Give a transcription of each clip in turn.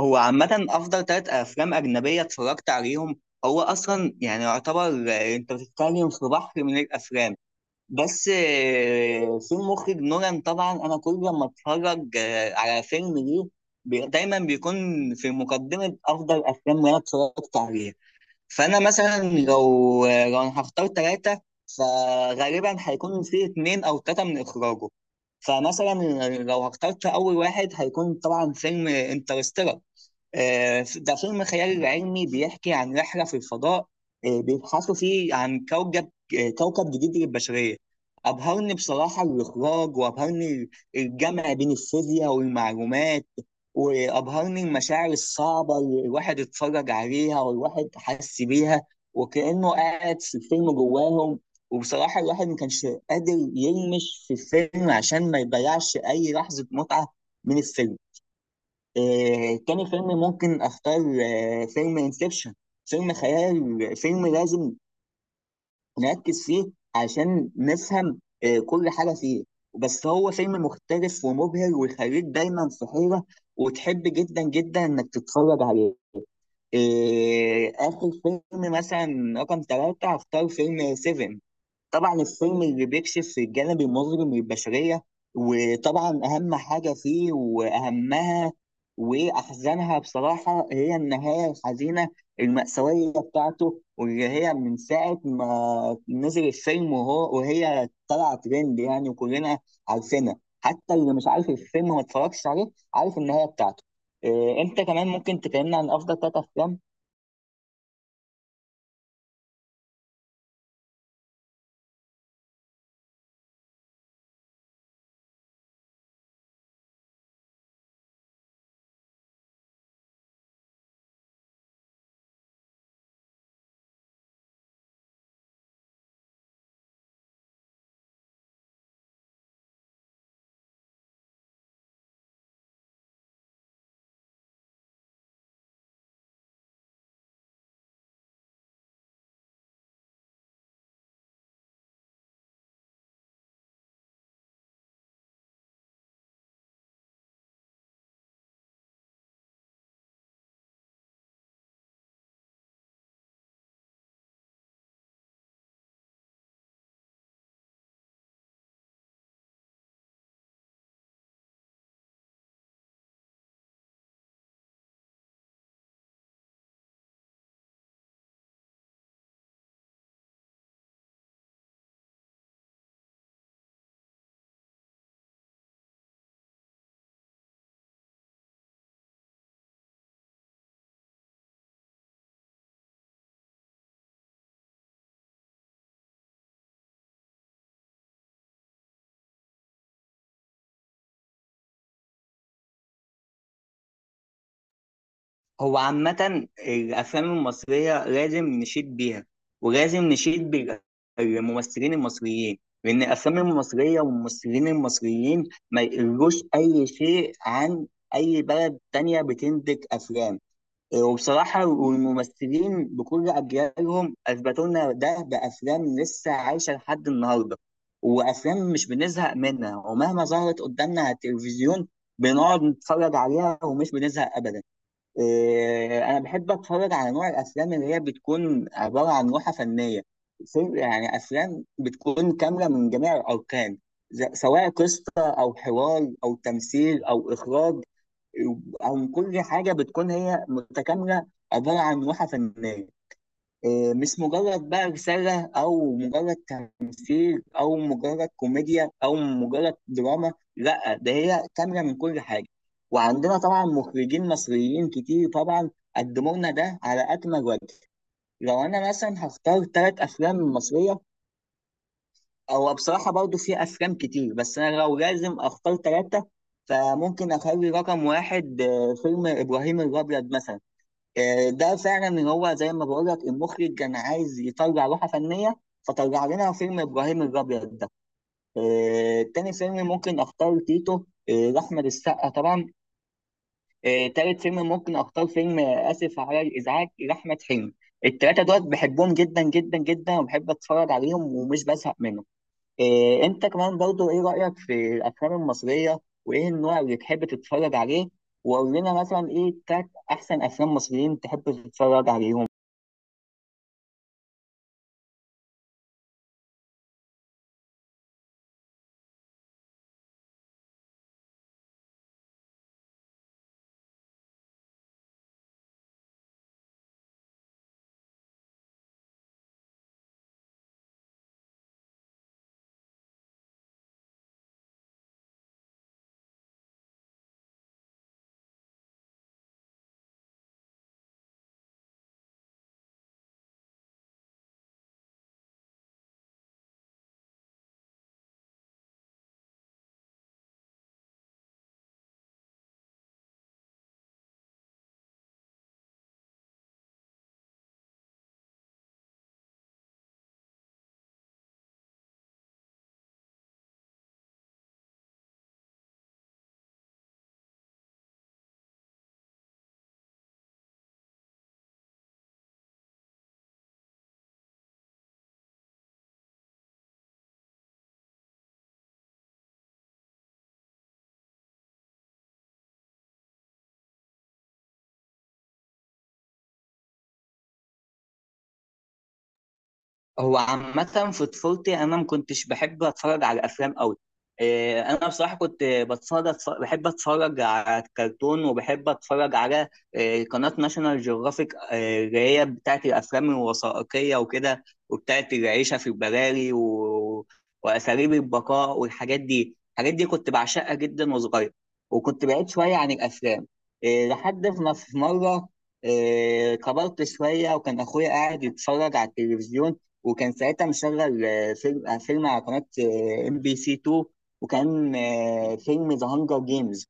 هو عامة أفضل تلات أفلام أجنبية اتفرجت عليهم. هو أصلا يعني يعتبر. أنت بتتكلم في بحر من الأفلام. بس في المخرج نولان، طبعا أنا كل لما أتفرج على فيلم ليه دايما بيكون في مقدمة أفضل أفلام اللي أنا اتفرجت عليها. فأنا مثلا لو أنا هختار تلاتة، فغالبا هيكون في اتنين أو تلاتة من إخراجه. فمثلا، لو اخترت أول واحد هيكون طبعا فيلم انترستيلر. ده فيلم خيال علمي بيحكي عن رحلة في الفضاء. بيبحثوا فيه عن كوكب جديد للبشرية. أبهرني بصراحة الإخراج، وأبهرني الجمع بين الفيزياء والمعلومات، وأبهرني المشاعر الصعبة اللي الواحد اتفرج عليها والواحد حس بيها وكأنه قاعد في الفيلم جواهم. وبصراحة الواحد ما كانش قادر يلمش في الفيلم عشان ما يضيعش أي لحظة متعة من الفيلم. تاني فيلم ممكن اختار فيلم انسبشن. فيلم خيال، فيلم لازم نركز فيه عشان نفهم كل حاجة فيه. بس هو فيلم مختلف ومبهر، ويخليك دايما في حيرة، وتحب جدا جدا انك تتفرج عليه. اخر فيلم مثلا رقم ثلاثة هختار فيلم سيفن. طبعا الفيلم اللي بيكشف الجانب المظلم للبشرية، وطبعا أهم حاجة فيه، وأهمها وأحزنها بصراحة، هي النهاية الحزينة المأساوية بتاعته، واللي هي من ساعة ما نزل الفيلم وهو وهي طلع ترند يعني، وكلنا عارفينها. حتى اللي مش عارف الفيلم، ما اتفرجش عليه، عارف النهاية بتاعته. إيه، أنت كمان ممكن تكلمنا عن أفضل ثلاث أفلام؟ هو عامة الأفلام المصرية لازم نشيد بيها، ولازم نشيد بالممثلين المصريين، لأن الأفلام المصرية والممثلين المصريين ما يقلوش أي شيء عن أي بلد تانية بتنتج أفلام. وبصراحة والممثلين بكل أجيالهم أثبتوا لنا ده بأفلام لسه عايشة لحد النهاردة، وأفلام مش بنزهق منها. ومهما ظهرت قدامنا على التلفزيون بنقعد نتفرج عليها ومش بنزهق أبدا. إيه، انا بحب اتفرج على نوع الافلام اللي هي بتكون عباره عن لوحه فنيه. يعني افلام بتكون كامله من جميع الاركان، سواء قصه او حوار او تمثيل او اخراج، او كل حاجه بتكون هي متكامله، عباره عن لوحه فنيه. إيه، مش مجرد بقى رسالة، أو مجرد تمثيل، أو مجرد كوميديا، أو مجرد دراما. لأ، ده هي كاملة من كل حاجة. وعندنا طبعا مخرجين مصريين كتير، طبعا قدموا لنا ده على أكمل وجه. لو أنا مثلا هختار تلات أفلام مصرية، أو بصراحة برضو في أفلام كتير، بس أنا لو لازم أختار تلاتة، فممكن أخلي رقم واحد فيلم إبراهيم الأبيض مثلا. ده فعلا هو زي ما بقول لك، المخرج كان عايز يطلع لوحه فنيه، فطلع لنا فيلم ابراهيم الابيض ده. تاني فيلم ممكن اختار تيتو، لاحمد السقا طبعا. تالت فيلم ممكن اختار فيلم اسف على الازعاج لاحمد حلمي. التلاته دول بحبهم جدا جدا جدا، وبحب اتفرج عليهم ومش بزهق منهم. انت كمان برضو، ايه رايك في الافلام المصريه؟ وايه النوع اللي تحب تتفرج عليه؟ وقول لنا مثلا ايه تلات احسن افلام مصريين تحب تتفرج عليهم؟ هو عامة في طفولتي أنا ما كنتش بحب أتفرج على أفلام أوي. إيه، أنا بصراحة كنت بحب أتفرج على الكرتون، وبحب أتفرج على قناة ناشونال جيوغرافيك، اللي هي بتاعت الأفلام الوثائقية وكده، وبتاعت العيشة في البراري، وأساليب البقاء والحاجات دي، الحاجات دي كنت بعشقها جدا وصغير، وكنت بعيد شوية عن الأفلام. إيه، لحد ما في مرة، كبرت شوية، وكان أخويا قاعد يتفرج على التلفزيون. وكان ساعتها مشغل فيلم على قناة ام بي سي 2. وكان فيلم ذا هانجر جيمز.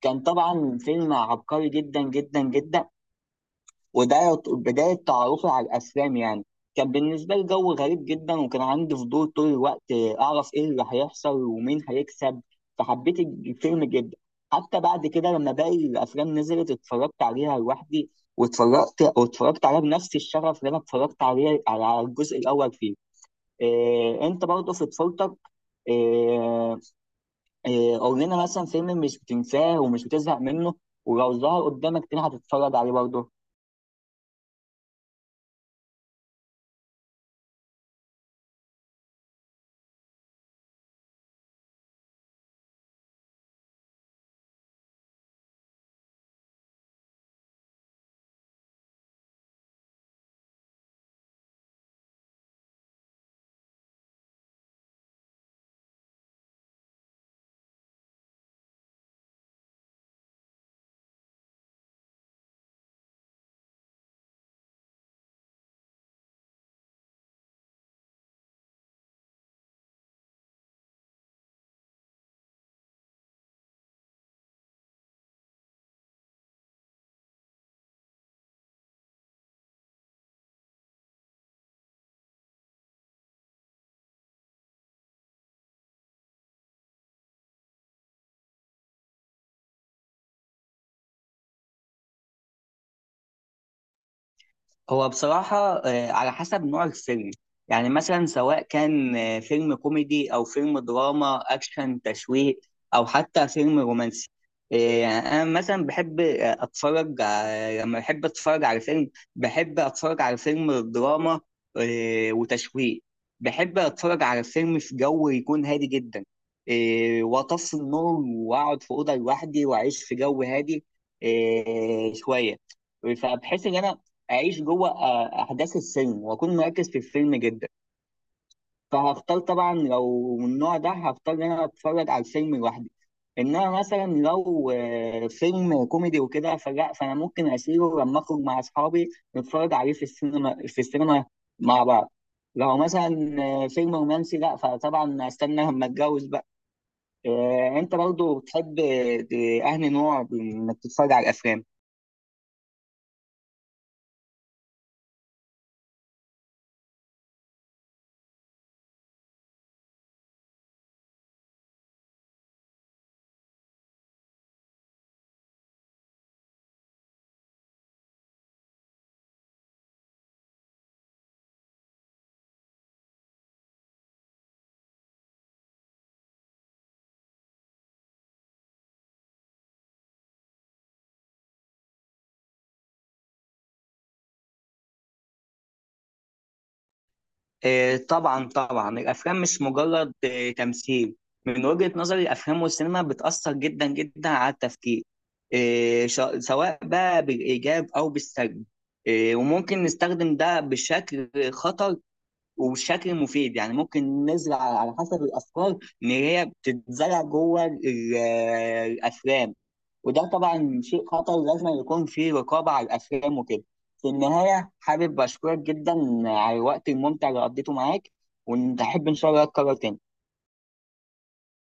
كان طبعا فيلم عبقري جدا جدا جدا. وده بداية تعرفي على الأفلام يعني. كان بالنسبة لي جو غريب جدا، وكان عندي فضول طول الوقت، أعرف إيه اللي هيحصل ومين هيكسب. فحبيت الفيلم جدا. حتى بعد كده، لما باقي الأفلام نزلت، اتفرجت عليها لوحدي، واتفرجت عليها بنفس الشغف اللي أنا اتفرجت عليه على الجزء الأول فيه. إيه، انت برضه في طفولتك، إيه إيه قول لنا مثلا فيلم مش بتنساه ومش بتزهق منه، ولو ظهر قدامك تاني هتتفرج عليه برضه؟ هو بصراحة على حسب نوع الفيلم. يعني مثلا سواء كان فيلم كوميدي، أو فيلم دراما، أكشن، تشويق، أو حتى فيلم رومانسي. يعني أنا مثلا بحب، لما بحب أتفرج على فيلم دراما وتشويق. بحب أتفرج على فيلم في جو يكون هادي جدا، وأطفي النور، وأقعد في أوضة لوحدي، وأعيش في جو هادي شوية. فبحس ان انا اعيش جوه احداث السينما، واكون مركز في الفيلم جدا. فهختار طبعا، لو من النوع ده، هختار ان انا اتفرج على الفيلم لوحدي. انما مثلا، لو فيلم كوميدي وكده فلا، فانا ممكن اشيله لما اخرج مع اصحابي، نتفرج عليه في السينما مع بعض. لو مثلا فيلم رومانسي لا، فطبعا استنى لما اتجوز بقى. انت برضو بتحب اهني نوع انك تتفرج على الافلام؟ طبعا طبعا، الافلام مش مجرد تمثيل. من وجهة نظري، الافلام والسينما بتاثر جدا جدا على التفكير، سواء بقى بالايجاب او بالسلب. وممكن نستخدم ده بشكل خطر، وبشكل مفيد، يعني ممكن نزرع على حسب الافكار ان هي بتتزرع جوه الافلام. وده طبعا شيء خطر، لازم يكون فيه رقابة على الأفلام وكده. في النهاية، حابب أشكرك جدا على الوقت الممتع اللي قضيته معاك، ونحب إن شاء الله أتكرر تاني.